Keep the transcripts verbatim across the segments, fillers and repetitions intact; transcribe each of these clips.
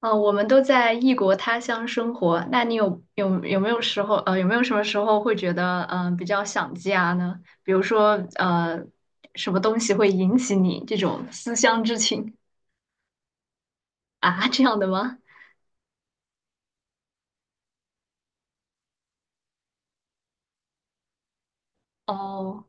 哦，我们都在异国他乡生活，那你有有有没有时候呃有没有什么时候会觉得嗯、呃比较想家呢？比如说呃什么东西会引起你这种思乡之情。啊，这样的吗？哦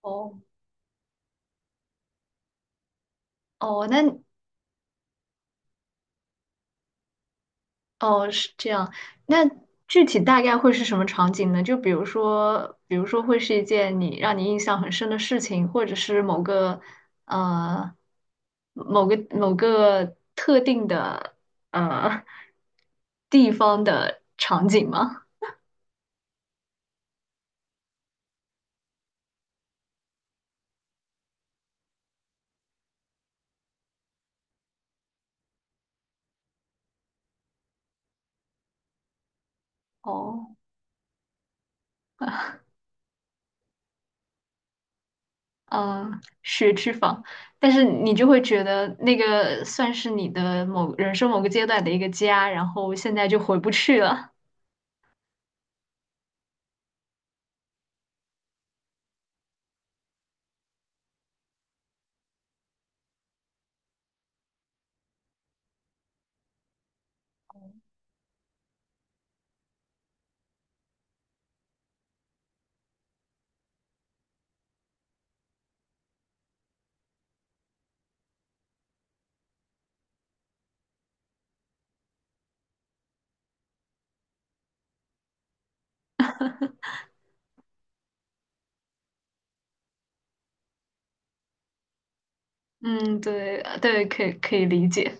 哦哦，那哦，是这样。那具体大概会是什么场景呢？就比如说，比如说会是一件你让你印象很深的事情，或者是某个呃某个某个特定的呃地方的场景吗？哦，嗯，学区房，但是你就会觉得那个算是你的某人生某个阶段的一个家，然后现在就回不去了。嗯，对呃对，可以可以理解。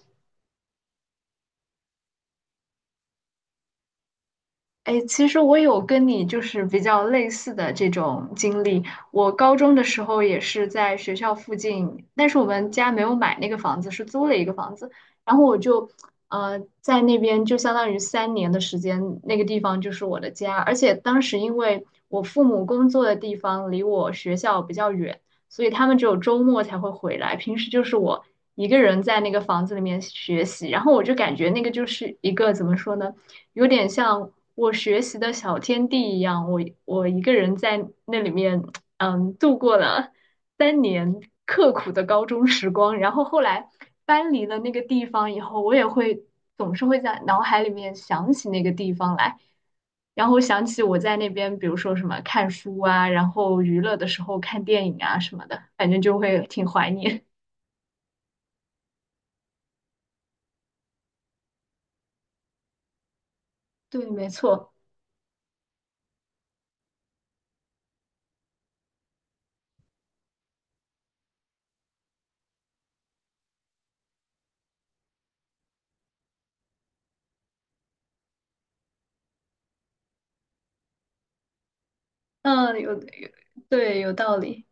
哎，其实我有跟你就是比较类似的这种经历。我高中的时候也是在学校附近，但是我们家没有买那个房子，是租了一个房子。然后我就，呃，在那边就相当于三年的时间，那个地方就是我的家。而且当时因为我父母工作的地方离我学校比较远，所以他们只有周末才会回来，平时就是我一个人在那个房子里面学习。然后我就感觉那个就是一个怎么说呢？有点像我学习的小天地一样，我我一个人在那里面，嗯，度过了三年刻苦的高中时光。然后后来搬离了那个地方以后，我也会总是会在脑海里面想起那个地方来，然后想起我在那边，比如说什么看书啊，然后娱乐的时候看电影啊什么的，反正就会挺怀念。对，没错，嗯，有有，对，有道理。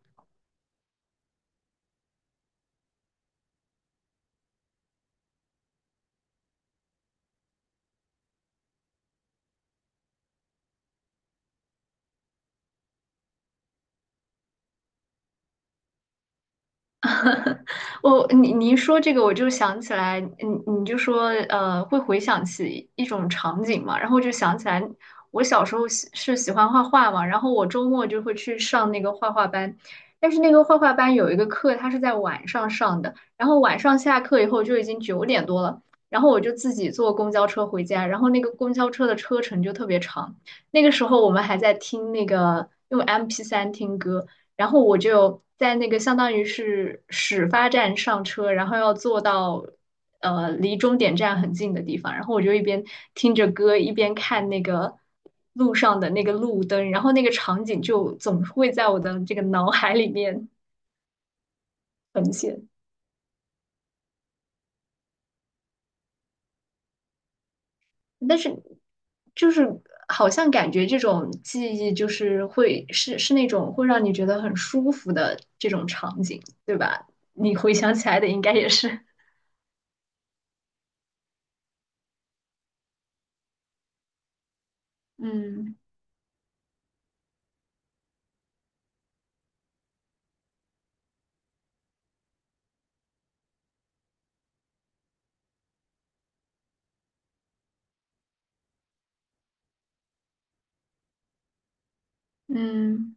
我你你一说这个，我就想起来，你你就说呃，会回想起一种场景嘛，然后我就想起来，我小时候喜是喜欢画画嘛，然后我周末就会去上那个画画班，但是那个画画班有一个课，它是在晚上上的，然后晚上下课以后就已经九点多了，然后我就自己坐公交车回家，然后那个公交车的车程就特别长，那个时候我们还在听那个用 m p 三听歌。然后我就在那个相当于是始发站上车，然后要坐到呃离终点站很近的地方，然后我就一边听着歌，一边看那个路上的那个路灯，然后那个场景就总是会在我的这个脑海里面呈现。但是就是好像感觉这种记忆就是会是是那种会让你觉得很舒服的这种场景，对吧？你回想起来的应该也是，嗯嗯。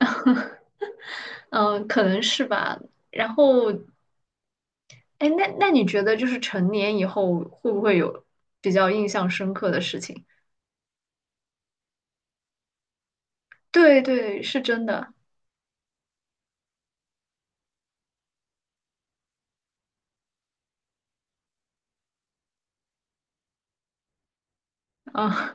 嗯，可能是吧。然后，哎，那那你觉得就是成年以后会不会有比较印象深刻的事情？对对，是真的啊，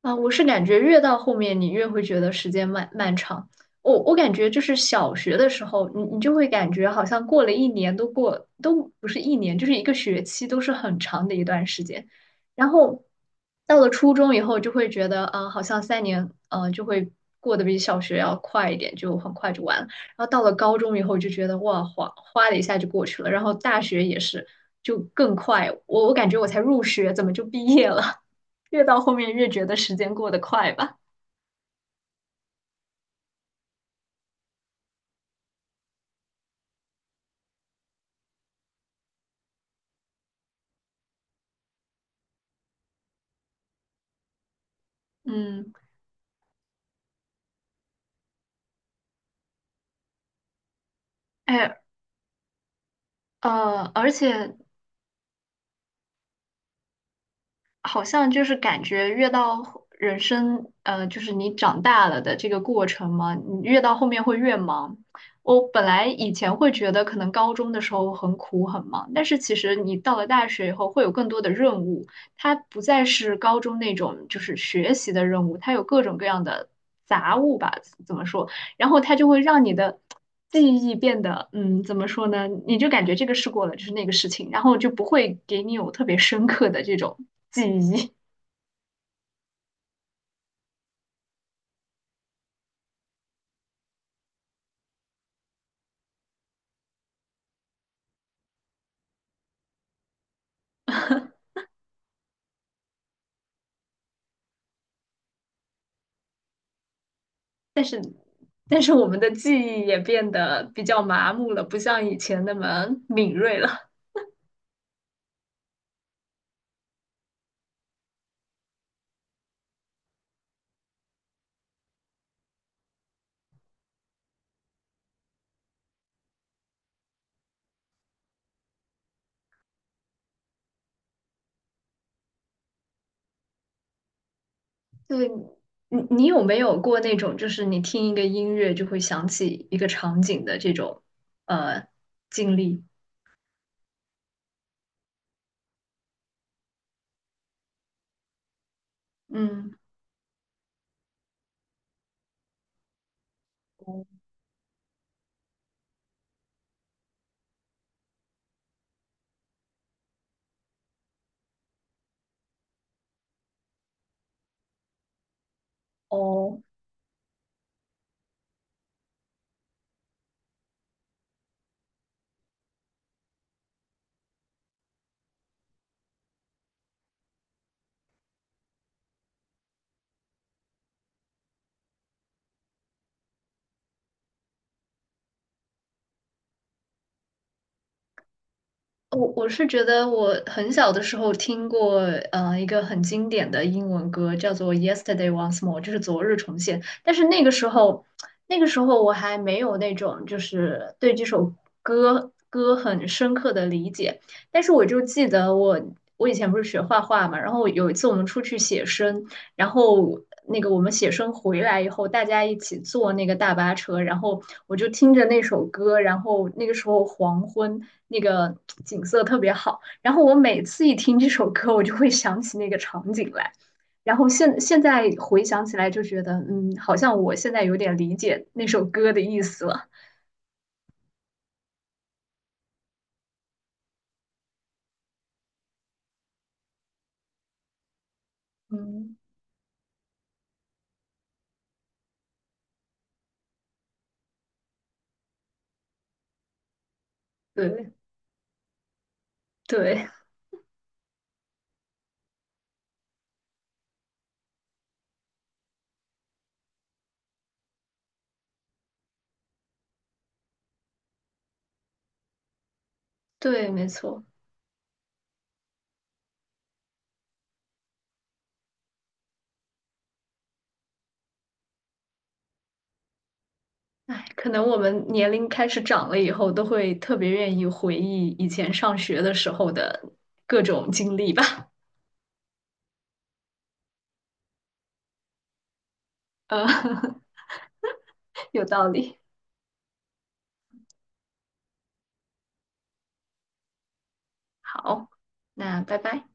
啊，我是感觉越到后面，你越会觉得时间漫漫长。我我感觉就是小学的时候，你你就会感觉好像过了一年都过都不是一年，就是一个学期都是很长的一段时间。然后到了初中以后，就会觉得啊、呃好像三年呃就会过得比小学要快一点，就很快就完了。然后到了高中以后，就觉得哇，哗哗的一下就过去了。然后大学也是，就更快。我我感觉我才入学，怎么就毕业了？越到后面越觉得时间过得快吧。嗯，哎，呃，而且好像就是感觉越到后人生，呃，就是你长大了的这个过程嘛，你越到后面会越忙。我本来以前会觉得可能高中的时候很苦很忙，但是其实你到了大学以后会有更多的任务，它不再是高中那种就是学习的任务，它有各种各样的杂物吧，怎么说？然后它就会让你的记忆变得，嗯，怎么说呢？你就感觉这个试过了，就是那个事情，然后就不会给你有特别深刻的这种记忆。但是我们的记忆也变得比较麻木了，不像以前那么敏锐了。对，你你有没有过那种，就是你听一个音乐就会想起一个场景的这种呃经历？嗯，哦，我我是觉得我很小的时候听过，呃，一个很经典的英文歌叫做《Yesterday Once More》，就是昨日重现。但是那个时候，那个时候我还没有那种就是对这首歌歌很深刻的理解。但是我就记得我我以前不是学画画嘛，然后有一次我们出去写生，然后那个我们写生回来以后，大家一起坐那个大巴车，然后我就听着那首歌，然后那个时候黄昏，那个景色特别好。然后我每次一听这首歌，我就会想起那个场景来。然后现现在回想起来，就觉得嗯，好像我现在有点理解那首歌的意思了。嗯，对对对，没错。哎，可能我们年龄开始长了以后，都会特别愿意回忆以前上学的时候的各种经历吧。呃，有道理。好，那拜拜。